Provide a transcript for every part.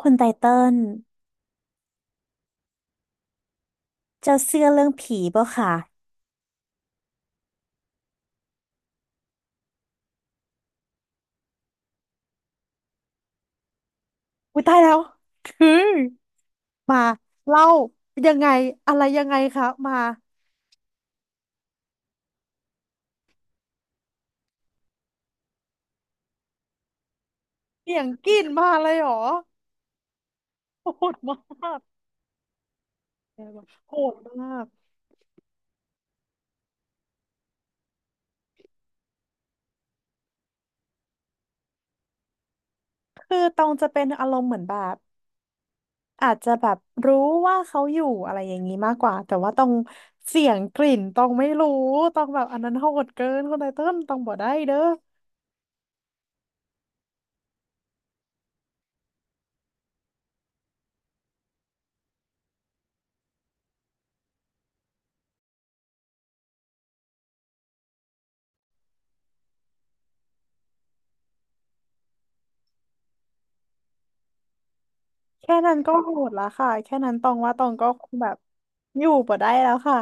คุณไตเติ้ลเจ้าเชื่อเรื่องผีป่ะคะอุ้ยตายแล้วคือมาเล่ายังไงอะไรยังไงคะมาเสียงกรีดมาเลยเหรอโหดมากโหดมากคือตองจะเป็นอารมณ์เหมือนแบบอาจจะแบบรู้ว่าเขาอยู่อะไรอย่างนี้มากกว่าแต่ว่าตองเสียงกลิ่นตองไม่รู้ตองแบบอันนั้นโหดเกินคณไตเติ้ลตองบ่ได้เด้อแค่นั้นก็โหดละค่ะแค่นั้นตองว่าตองก็คงแบบอยู่บ่ได้แล้วค่ะ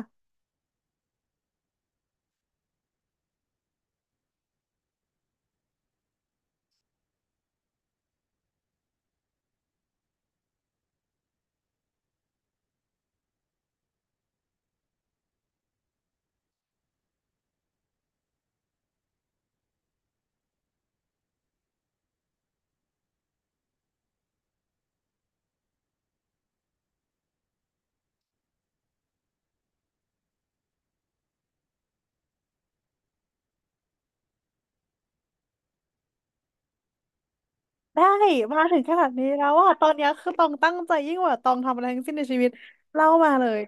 ได้มาถึงขนาดนี้แล้วอ่ะตอนเนี้ยคือตองตั้งใจยิ่งกว่าตองทำอะไรทั้งสิ้นในชีวิตเล่ามาเลย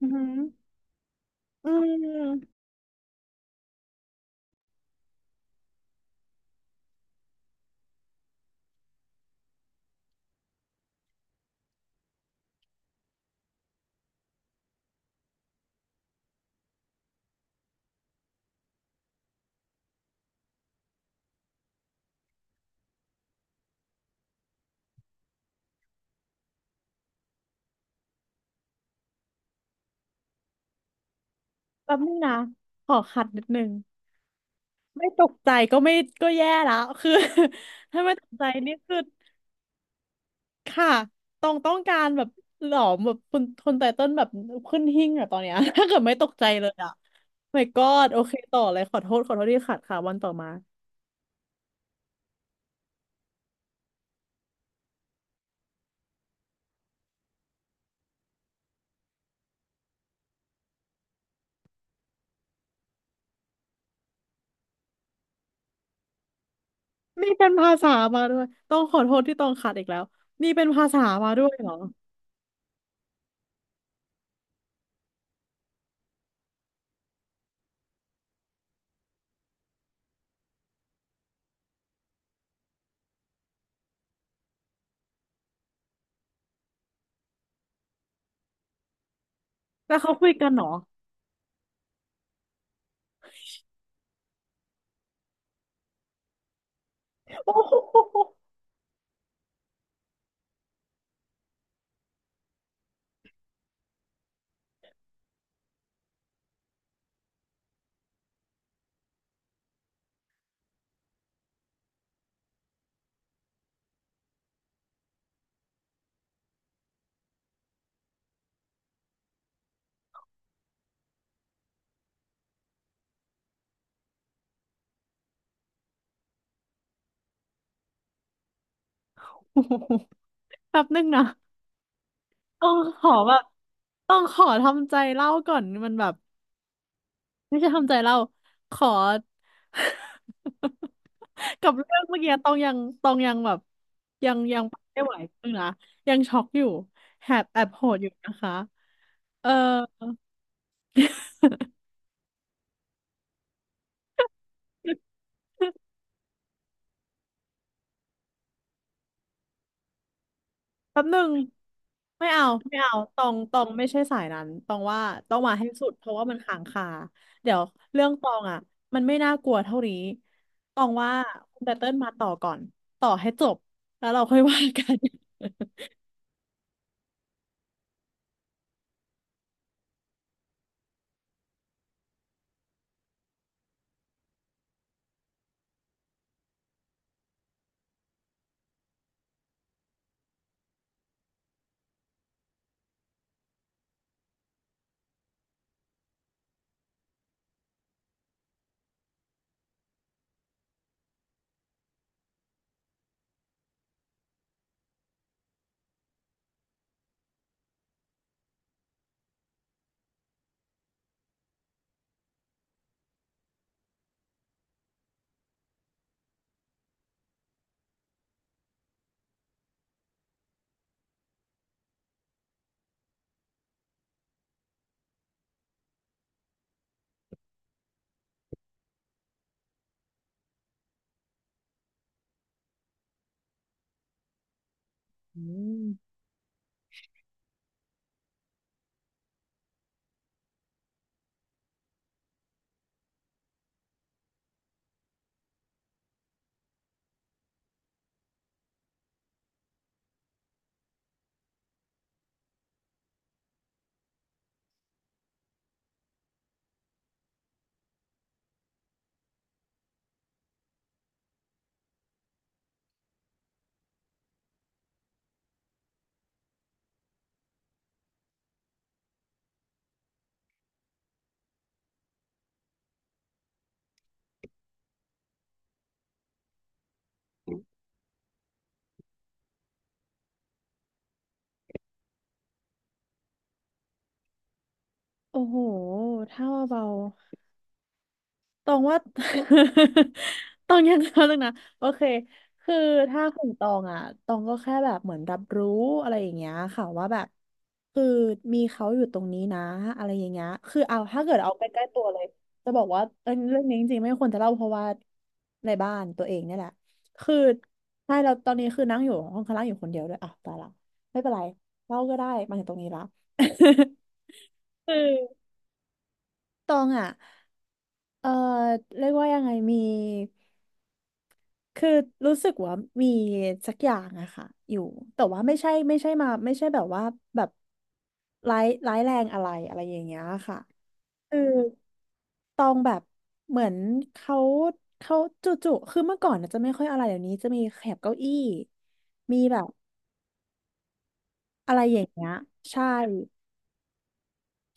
อือหืออืมแป๊บนึงนะขอขัดนิดนึงไม่ตกใจก็ไม่ก็แย่แล้วคือ ถ้าไม่ตกใจนี่คือค่ะตองต้องการแบบหลอมแบบคนไตเติ้ลแบบขึ้นหิ้งอะตอนเนี้ย ถ้าเกิดไม่ตกใจเลยอะ my god โอเคต่อเลยขอโทษที่ขัดค่ะวันต่อมานี่เป็นภาษามาด้วยต้องขอโทษที่ต้องขัดอีกแล้วนี่เป็นภาษามาด้วยเหรอ แล้วเขาคุยกันเหรอโอ้โหแป๊บนึงนะต้องขอแบบต้องขอทำใจเล่าก่อนมันแบบไม่ใช่ทำใจเล่า ขอ กับเรื่องเมื่อกี้ต้องยังต้องยังแบบยังไปไม่ไหวนึงนะยังช็อกอยู่แอบโหดอยู่นะคะเออ แป๊บหนึ่งไม่เอาไม่เอาตองตองไม่ใช่สายนั้นตองว่าต้องมาให้สุดเพราะว่ามันค้างคาเดี๋ยวเรื่องตองอ่ะมันไม่น่ากลัวเท่านี้ตองว่าคุณไตเติ้ลมาต่อก่อนต่อให้จบแล้วเราค่อยว่ากันโอ้โหถ้าเบา ตองว่า ตองยังเขาเลงนะโอเคคือถ้าของตองอ่ะตองก็แค่แบบเหมือนรับรู้อะไรอย่างเงี้ยค่ะว่าแบบคือมีเขาอยู่ตรงนี้นะอะไรอย่างเงี้ยคือเอาถ้าเกิดเอาใกล้ๆตัวเลยจะบอกว่าเออเรื่องนี้จริงๆไม่ควรจะเล่าเพราะว่าในบ้านตัวเองเนี่ยแหละคือใช่เราตอนนี้คือนั่งอยู่ห้องข้างล่างอยู่คนเดียวด้วยอ่ะตายละไม่เป็นไรเล่าก็ได้มาถึงตรงนี้ละ คือตองอ่ะเออเรียกว่ายังไงมี คือรู้สึกว่ามีสักอย่างอะค่ะอยู่แต่ว่าไม่ใช่มาไม่ใช่แบบว่าแบบร้ายแรงอะไรอะไรอย่างเงี้ยค่ะคือตองแบบเหมือนเขาเขาจู่ๆคือเมื่อก่อนนะจะไม่ค่อยอะไรเดี๋ยวนี้จะมีแถบเก้าอี้มีแบบอะไรอย่างเงี้ยใช่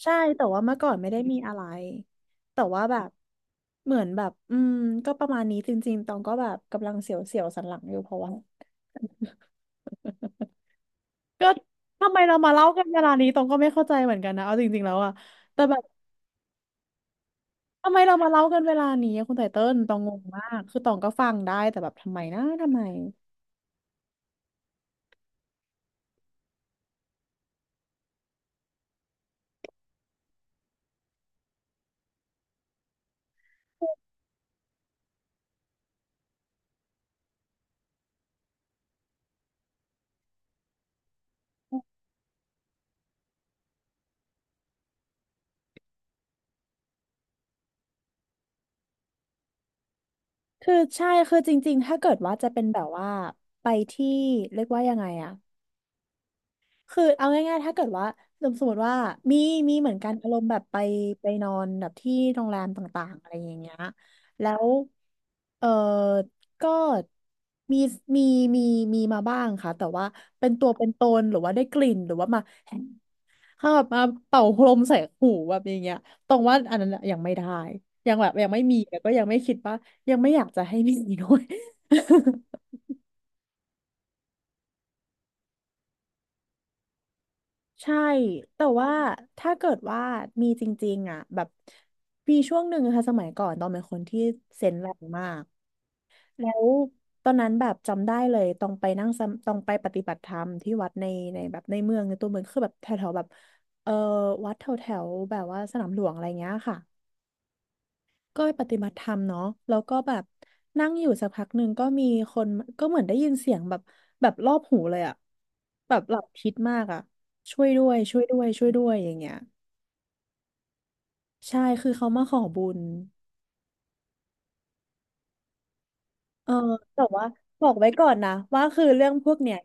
ใช่แต่ว่าเมื่อก่อนไม่ได้มีอะไรแต่ว่าแบบเหมือนแบบอืมก็ประมาณนี้จริงๆตองก็แบบกำลังเสียวๆสันหลังอยู่เพราะว่า ก็ทำไมเรามาเล่ากันเวลานี้ตองก็ไม่เข้าใจเหมือนกันนะเอาจริงๆแล้วอะแต่แบบทำไมเรามาเล่ากันเวลานี้อะคุณไตเติ้ลตองงงมากคือตองก็ฟังได้แต่แบบทำไมนะทำไมคือใช่คือจริงๆถ้าเกิดว่าจะเป็นแบบว่าไปที่เรียกว่ายังไงอะ คือเอาง่ายๆถ้าเกิดว่าสมมติว่ามีมีเหมือนกันอารมณ์แบบไปนอนแบบที่โรงแรมต่างๆอะไรอย่างเงี้ยแล้วเออก็มีมีมีมีมาบ้างค่ะแต่ว่าเป็นตัวเป็นตนหรือว่าได้กลิ่นหรือว่ามาเข้าแบบมาเป่าพรมใส่หูแบบอย่างเงี้ยตรงว่าอันนั้นอะยังไม่ได้ยังแบบยังไม่มีแล้วก็ยังไม่คิดว่ายังไม่อยากจะให้มีด้วย ใช่ แต่ว่าถ้าเกิดว่ามีจริงๆอ่ะแบบปีช่วงหนึ่งนะค่ะสมัยก่อนตองเป็นคนที่เซนส์แรงมากแล้วตอนนั้นแบบจำได้เลยต้องไปปฏิบัติธรรมที่วัดในแบบในเมืองในตัวเมืองคือแบบแถวๆแบบเออวัดแถวแถวแบบว่าสนามหลวงอะไรเงี้ยค่ะก็ไปปฏิบัติธรรมเนาะแล้วก็แบบนั่งอยู่สักพักหนึ่งก็มีคนก็เหมือนได้ยินเสียงแบบแบบรอบหูเลยอะแบบหลับทิศมากอะช่วยด้วยช่วยด้วยช่วยด้วยอย่างเงี้ย ใช่คือเขามาขอบุญเออแต่ว่าบอกไว้ก่อนนะว่าคือเรื่องพวกเนี้ย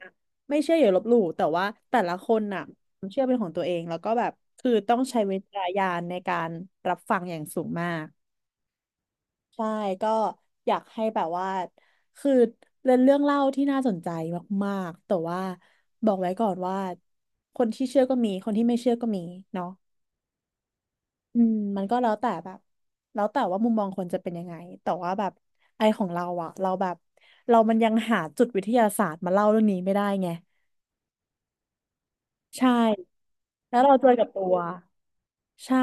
ไม่เชื่ออย่าลบหลู่แต่ว่าแต่ละคนน่ะความเชื่อเป็นของตัวเองแล้วก็แบบคือต้องใช้วิจารณญาณในการรับฟังอย่างสูงมากใช่ก็อยากให้แบบว่าคือเป็นเรื่องเล่าที่น่าสนใจมากๆแต่ว่าบอกไว้ก่อนว่าคนที่เชื่อก็มีคนที่ไม่เชื่อก็มีเนาะ อืมมันก็แล้วแต่แบบแล้วแต่ว่ามุมมองคนจะเป็นยังไงแต่ว่าแบบไอของเราอะเราแบบเรามันยังหาจุดวิทยาศาสตร์มาเล่าเรื่องนี้ไม่ได้ไงใช่แล้วเราเจอกับตัวใช่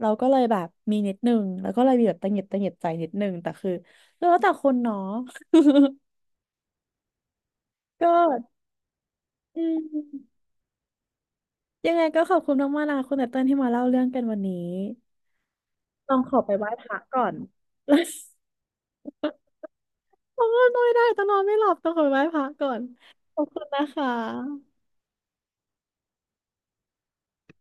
เราก็เลยแบบมีนิดนึงแล้วก็เลยมีแบบตังหงิดใจนิดนึงแต่คือแล้วแต่คนเนาะ ก็อืมยังไงก็ขอบคุณมากๆนะคุณแต่เติ้ลที่มาเล่าเรื่องกันวันนี้ต้องขอไปไหว้พระก่อน โอ้ยนอนไม่ได้แต้องนอนไม่หลับต้องขอไปไหว้พระก่อน ขอบคุณนะคะ